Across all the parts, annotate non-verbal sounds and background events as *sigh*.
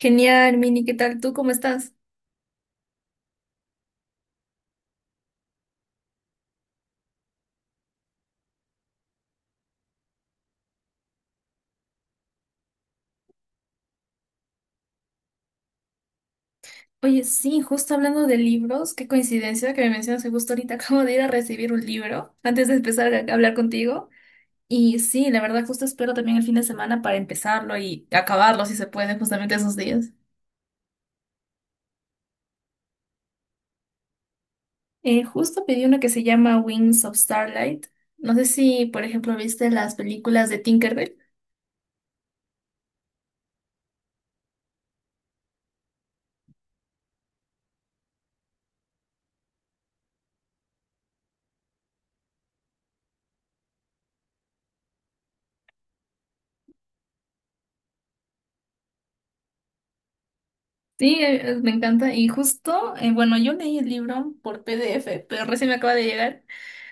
Genial, Mini, ¿qué tal tú? ¿Cómo estás? Oye, sí, justo hablando de libros, qué coincidencia que me mencionas que justo ahorita *laughs* acabo de ir a recibir un libro antes de empezar a hablar contigo. Y sí, la verdad, justo espero también el fin de semana para empezarlo y acabarlo si se puede, justamente esos días. Justo pedí uno que se llama Wings of Starlight. No sé si, por ejemplo, viste las películas de Tinkerbell. Sí, me encanta. Y justo, bueno, yo leí el libro por PDF, pero recién me acaba de llegar.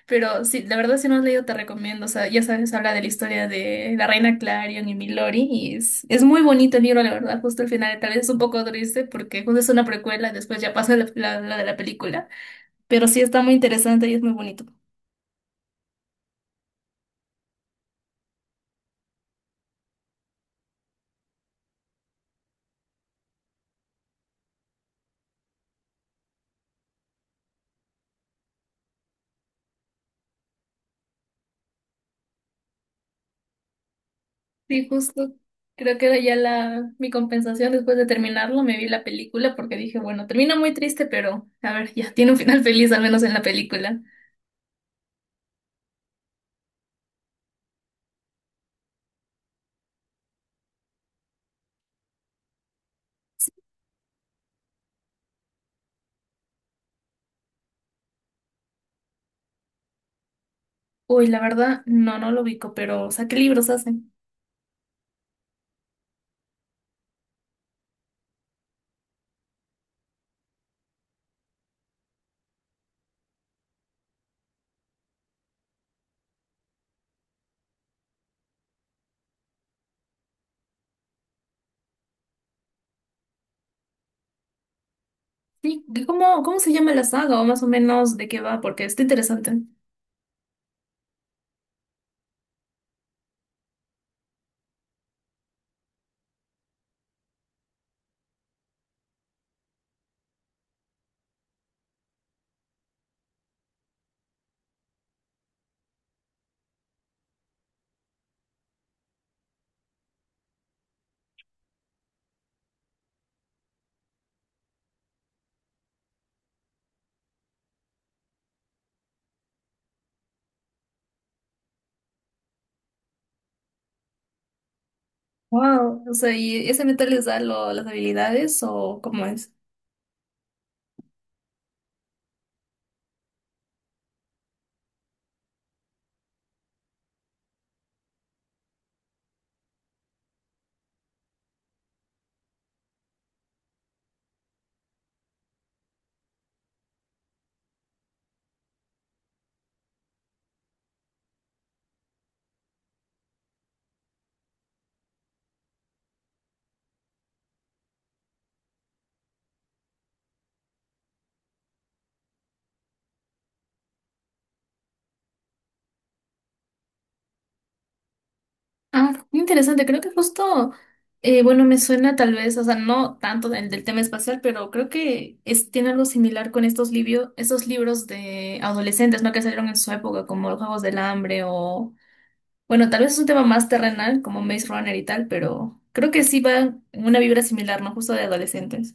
Pero sí, la verdad, si no has leído, te recomiendo. O sea, ya sabes, habla de la historia de la reina Clarion y Milori. Y es muy bonito el libro, la verdad. Justo el final, tal vez es un poco triste porque justo es una precuela, después ya pasa la de la película. Pero sí está muy interesante y es muy bonito. Sí, justo. Creo que era ya la, mi compensación después de terminarlo. Me vi la película porque dije, bueno, termina muy triste, pero a ver, ya tiene un final feliz, al menos en la película. Uy, la verdad, no, no lo ubico, pero o sea, ¿qué libros hacen? Sí, ¿y cómo, cómo se llama la saga o más o menos de qué va? Porque está interesante. Wow, o sea, ¿y ese metal les da las habilidades o cómo es? Ah, muy interesante, creo que justo, bueno, me suena tal vez, o sea, no tanto del tema espacial, pero creo que es, tiene algo similar con estos, estos libros de adolescentes, ¿no? Que salieron en su época, como Los Juegos del Hambre o, bueno, tal vez es un tema más terrenal, como Maze Runner y tal, pero creo que sí va en una vibra similar, ¿no? Justo de adolescentes.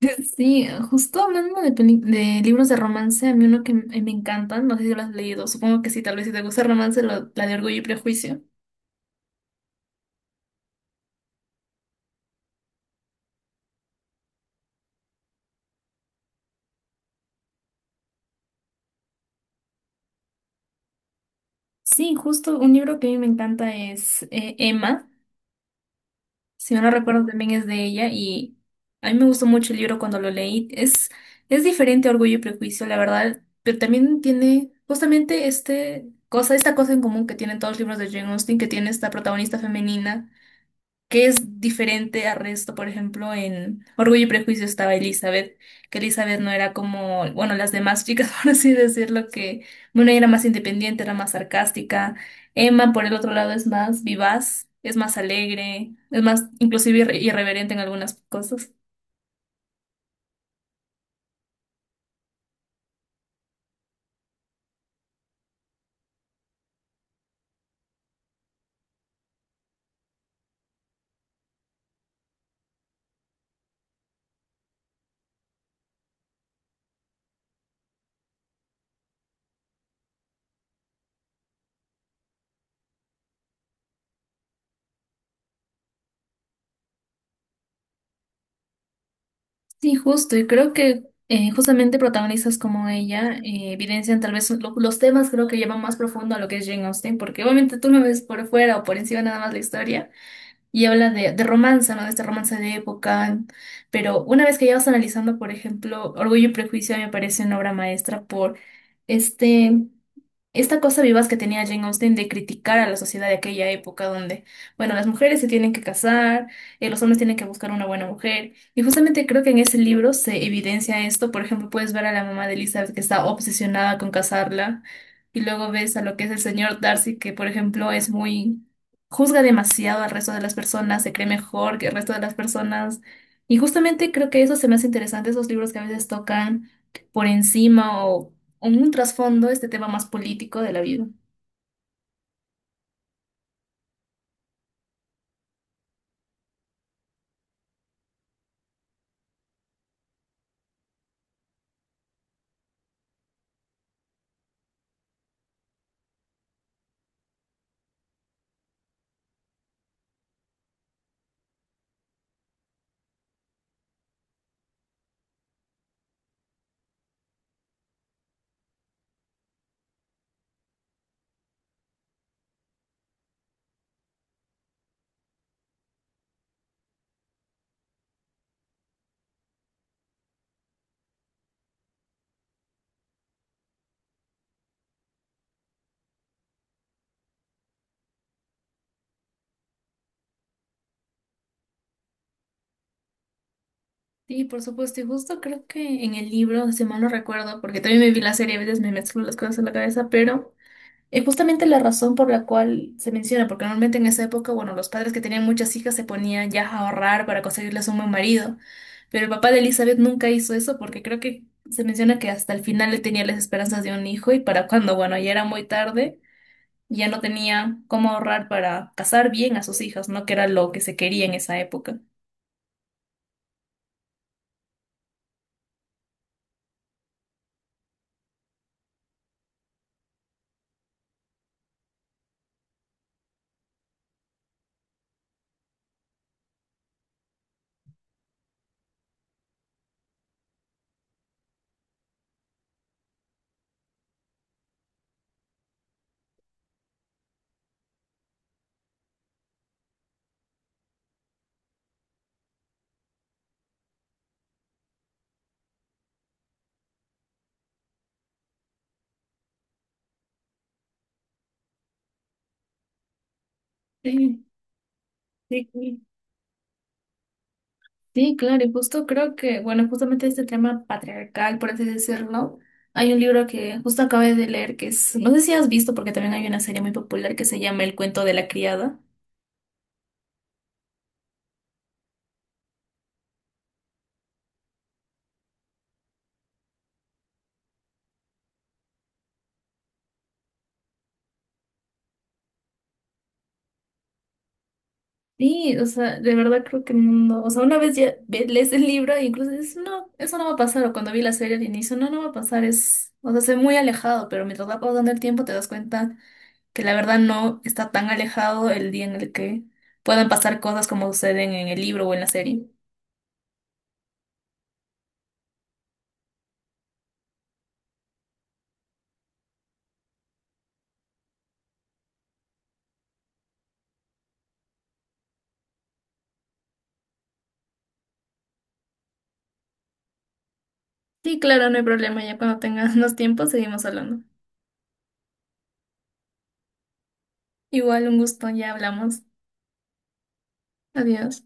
*laughs* Sí, justo hablando de, de libros de romance, a mí uno que me encantan, no sé si lo has leído, supongo que sí, tal vez si te gusta el romance, la de Orgullo y Prejuicio. Sí, justo un libro que a mí me encanta es Emma, si no lo recuerdo también es de ella, y a mí me gustó mucho el libro cuando lo leí. Es diferente a Orgullo y Prejuicio, la verdad, pero también tiene justamente esta cosa en común que tienen todos los libros de Jane Austen, que tiene esta protagonista femenina que es diferente al resto. Por ejemplo, en Orgullo y Prejuicio estaba Elizabeth, que Elizabeth no era como, bueno, las demás chicas, *laughs* por así decirlo, que, bueno, ella era más independiente, era más sarcástica. Emma, por el otro lado, es más vivaz, es más alegre, es más inclusive irreverente en algunas cosas. Sí, justo, y creo que justamente protagonistas como ella evidencian tal vez los temas creo que llevan más profundo a lo que es Jane Austen, porque obviamente tú no ves por fuera o por encima nada más la historia, y habla de romance, ¿no? De este romance de época. Pero una vez que ya vas analizando, por ejemplo, Orgullo y Prejuicio a mí me parece una obra maestra por este esta cosa vivaz que tenía Jane Austen de criticar a la sociedad de aquella época donde, bueno, las mujeres se tienen que casar, los hombres tienen que buscar una buena mujer. Y justamente creo que en ese libro se evidencia esto. Por ejemplo, puedes ver a la mamá de Elizabeth que está obsesionada con casarla. Y luego ves a lo que es el señor Darcy, que por ejemplo es muy... juzga demasiado al resto de las personas, se cree mejor que el resto de las personas. Y justamente creo que eso se me hace interesante, esos libros que a veces tocan por encima o en un trasfondo este tema más político de la vida. Sí, por supuesto, y justo creo que en el libro, si mal no recuerdo, porque también me vi la serie, a veces me mezclo las cosas en la cabeza, pero es justamente la razón por la cual se menciona, porque normalmente en esa época, bueno, los padres que tenían muchas hijas se ponían ya a ahorrar para conseguirles un buen marido, pero el papá de Elizabeth nunca hizo eso porque creo que se menciona que hasta el final le tenía las esperanzas de un hijo y para cuando, bueno, ya era muy tarde, ya no tenía cómo ahorrar para casar bien a sus hijas, ¿no? Que era lo que se quería en esa época. Sí, sí, sí. Sí, claro, y justo creo que, bueno, justamente este tema patriarcal, por así decirlo, hay un libro que justo acabé de leer que es, no sé si has visto, porque también hay una serie muy popular que se llama El cuento de la criada. Sí, o sea, de verdad creo que no, o sea, una vez ya lees el libro e incluso dices, no, eso no va a pasar, o cuando vi la serie al inicio, no, no va a pasar, es, o sea, se ve muy alejado, pero mientras va pasando el tiempo te das cuenta que la verdad no está tan alejado el día en el que puedan pasar cosas como suceden en el libro o en la serie. Sí, claro, no hay problema. Ya cuando tengas *laughs* los tiempos seguimos hablando. Igual, un gusto, ya hablamos. Adiós.